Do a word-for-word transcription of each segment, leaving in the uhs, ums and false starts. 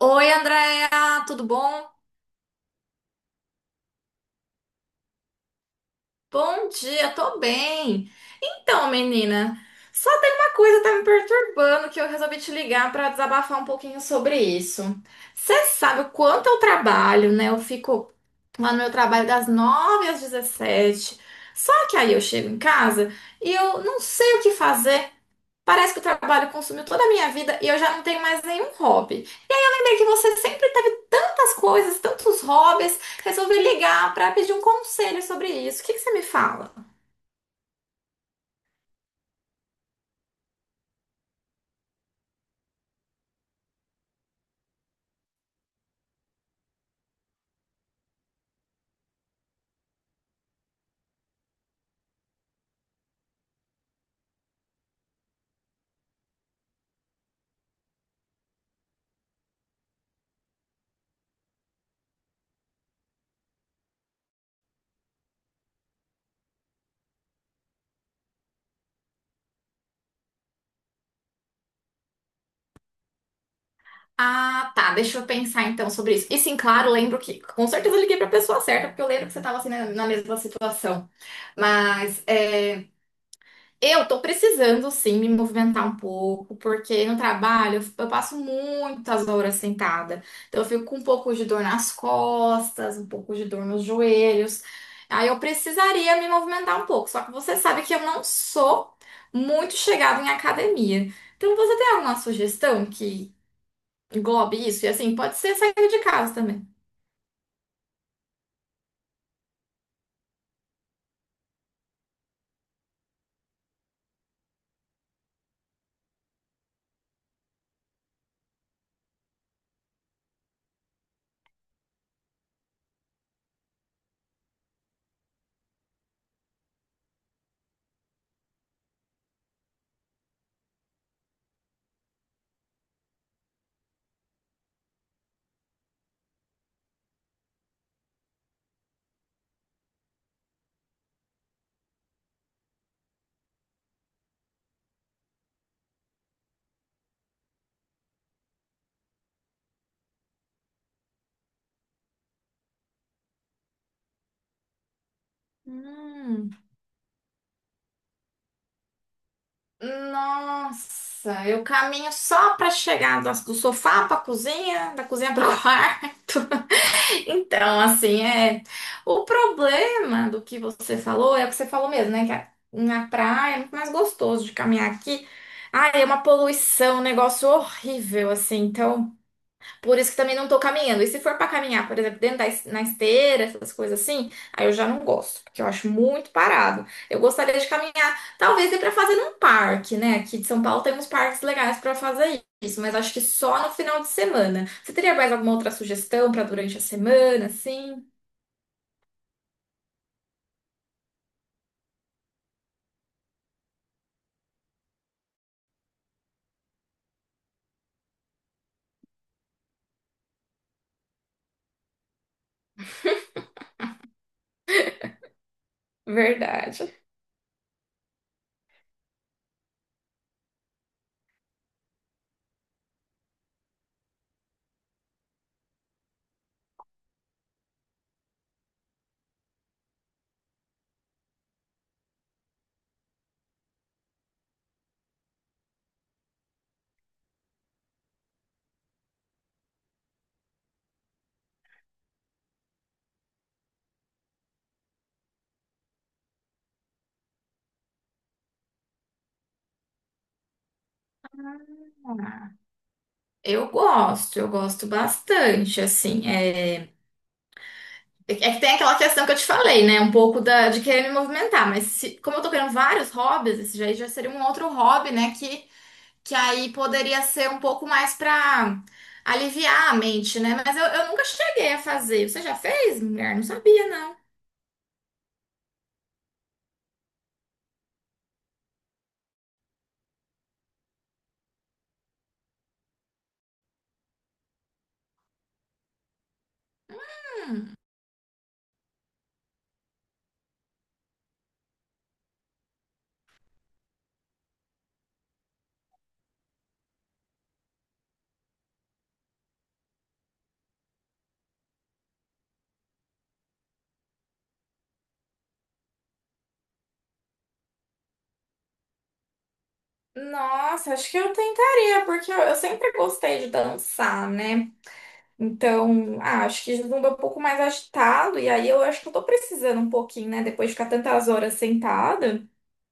Oi, Andréa, tudo bom? Bom dia, tô bem. Então, menina, só tem uma coisa que tá me perturbando que eu resolvi te ligar pra desabafar um pouquinho sobre isso. Você sabe o quanto eu trabalho, né? Eu fico lá no meu trabalho das nove às dezessete. Só que aí eu chego em casa e eu não sei o que fazer. Parece que o trabalho consumiu toda a minha vida e eu já não tenho mais nenhum hobby. Lembra que você sempre teve tantas coisas, tantos hobbies, resolvi ligar para pedir um conselho sobre isso. O que que você me fala? Ah, tá, deixa eu pensar então sobre isso. E sim, claro, lembro que com certeza eu liguei para a pessoa certa, porque eu lembro que você estava assim na, na mesma situação. Mas é, eu tô precisando sim me movimentar um pouco, porque no trabalho eu eu passo muitas horas sentada. Então eu fico com um pouco de dor nas costas, um pouco de dor nos joelhos. Aí eu precisaria me movimentar um pouco. Só que você sabe que eu não sou muito chegada em academia. Então você tem alguma sugestão que englobe isso? E assim, pode ser sair de casa também. Hum. Nossa, eu caminho só para chegar do do sofá para cozinha, da cozinha para o quarto. Então, assim, é. O problema do que você falou é o que você falou mesmo, né? Que a- na praia é muito mais gostoso de caminhar. Aqui, ah, é uma poluição, um negócio horrível, assim. Então, por isso que também não tô caminhando. E se for pra caminhar, por exemplo, dentro da, es- na esteira, essas coisas assim, aí eu já não gosto, porque eu acho muito parado. Eu gostaria de caminhar, talvez ir pra fazer num parque, né? Aqui de São Paulo tem uns parques legais pra fazer isso, mas acho que só no final de semana. Você teria mais alguma outra sugestão pra durante a semana, assim? Verdade. Eu gosto, eu gosto bastante, assim. É, É que tem aquela questão que eu te falei, né? Um pouco da, de querer me movimentar, mas se- como eu tô querendo vários hobbies, esse já, já seria um outro hobby, né? Que, que aí poderia ser um pouco mais pra aliviar a mente, né? Mas eu, eu nunca cheguei a fazer. Você já fez, mulher? Não sabia, não. Nossa, acho que eu tentaria, porque eu, eu sempre gostei de dançar, né? Então, ah, acho que zumba é um pouco mais agitado, e aí eu acho que eu tô precisando um pouquinho, né? Depois de ficar tantas horas sentada.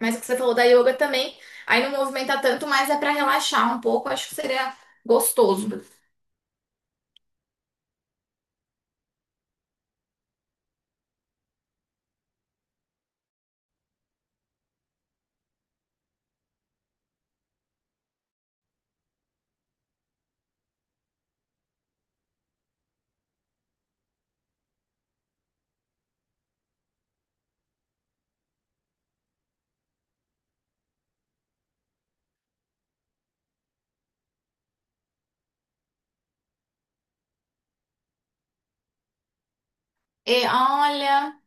Mas o que você falou da yoga também, aí não movimenta tanto, mas é pra relaxar um pouco, acho que seria gostoso. E olha,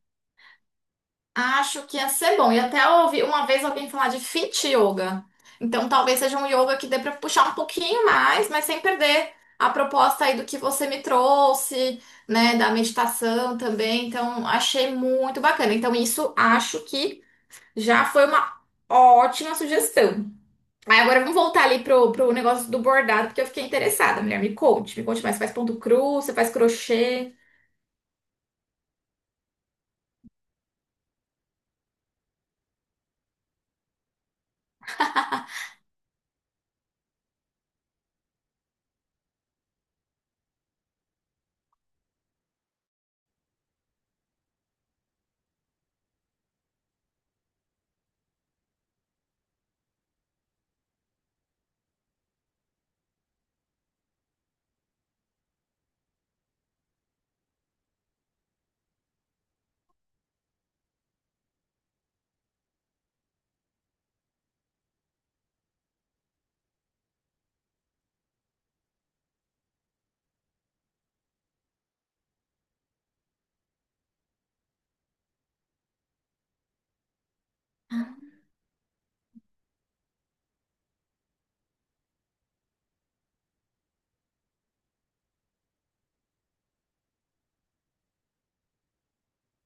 acho que ia ser bom. E até eu ouvi uma vez alguém falar de fit yoga. Então talvez seja um yoga que dê pra puxar um pouquinho mais, mas sem perder a proposta aí do que você me trouxe, né, da meditação também. Então achei muito bacana. Então isso acho que já foi uma ótima sugestão. Aí agora vamos voltar ali pro, pro negócio do bordado, porque eu fiquei interessada. Mulher, me conte, me conte mais. Você faz ponto cru, você faz crochê.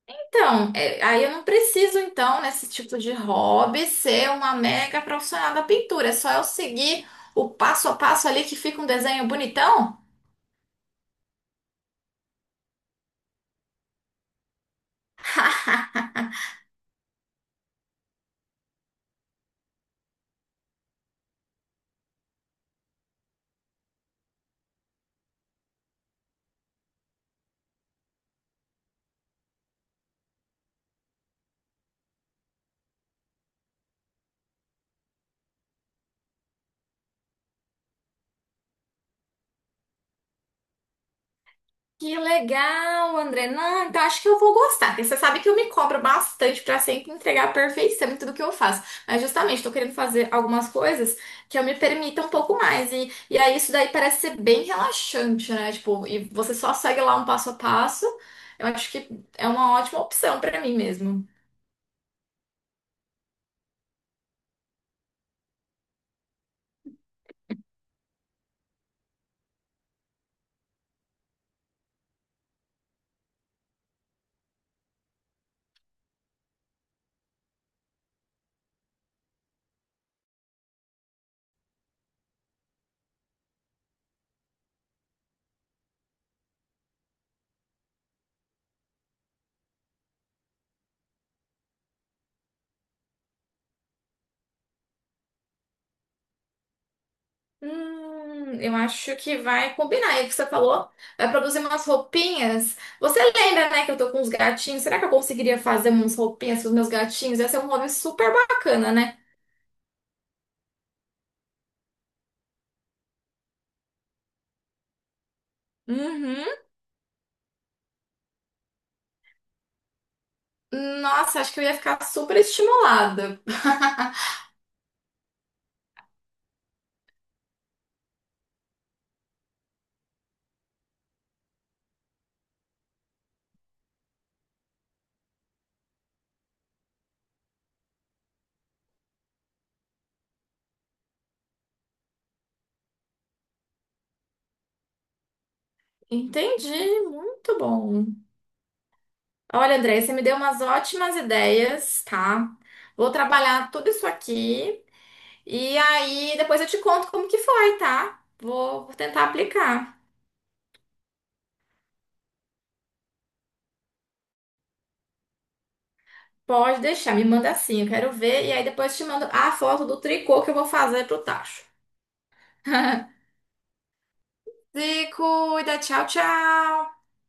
Então, é, aí eu não preciso, então, nesse tipo de hobby, ser uma mega profissional da pintura. É só eu seguir o passo a passo ali que fica um desenho bonitão? Que legal, André. Não, então acho que eu vou gostar. Porque você sabe que eu me cobro bastante pra sempre entregar a perfeição em tudo que eu faço. Mas justamente tô querendo fazer algumas coisas que eu me permita um pouco mais. E, e aí isso daí parece ser bem relaxante, né? Tipo, e você só segue lá um passo a passo. Eu acho que é uma ótima opção pra mim mesmo. Hum, eu acho que vai combinar. E o que você falou, vai produzir umas roupinhas. Você lembra, né, que eu tô com uns gatinhos? Será que eu conseguiria fazer umas roupinhas para os meus gatinhos? Ia ser um hobby super bacana, né? Uhum. Nossa, acho que eu ia ficar super estimulada. Entendi, muito bom. Olha, André, você me deu umas ótimas ideias, tá? Vou trabalhar tudo isso aqui e aí depois eu te conto como que foi, tá? Vou, vou tentar aplicar. Pode deixar, me manda assim, eu quero ver. E aí depois te mando a foto do tricô que eu vou fazer pro tacho. Se cuida, tchau, tchau!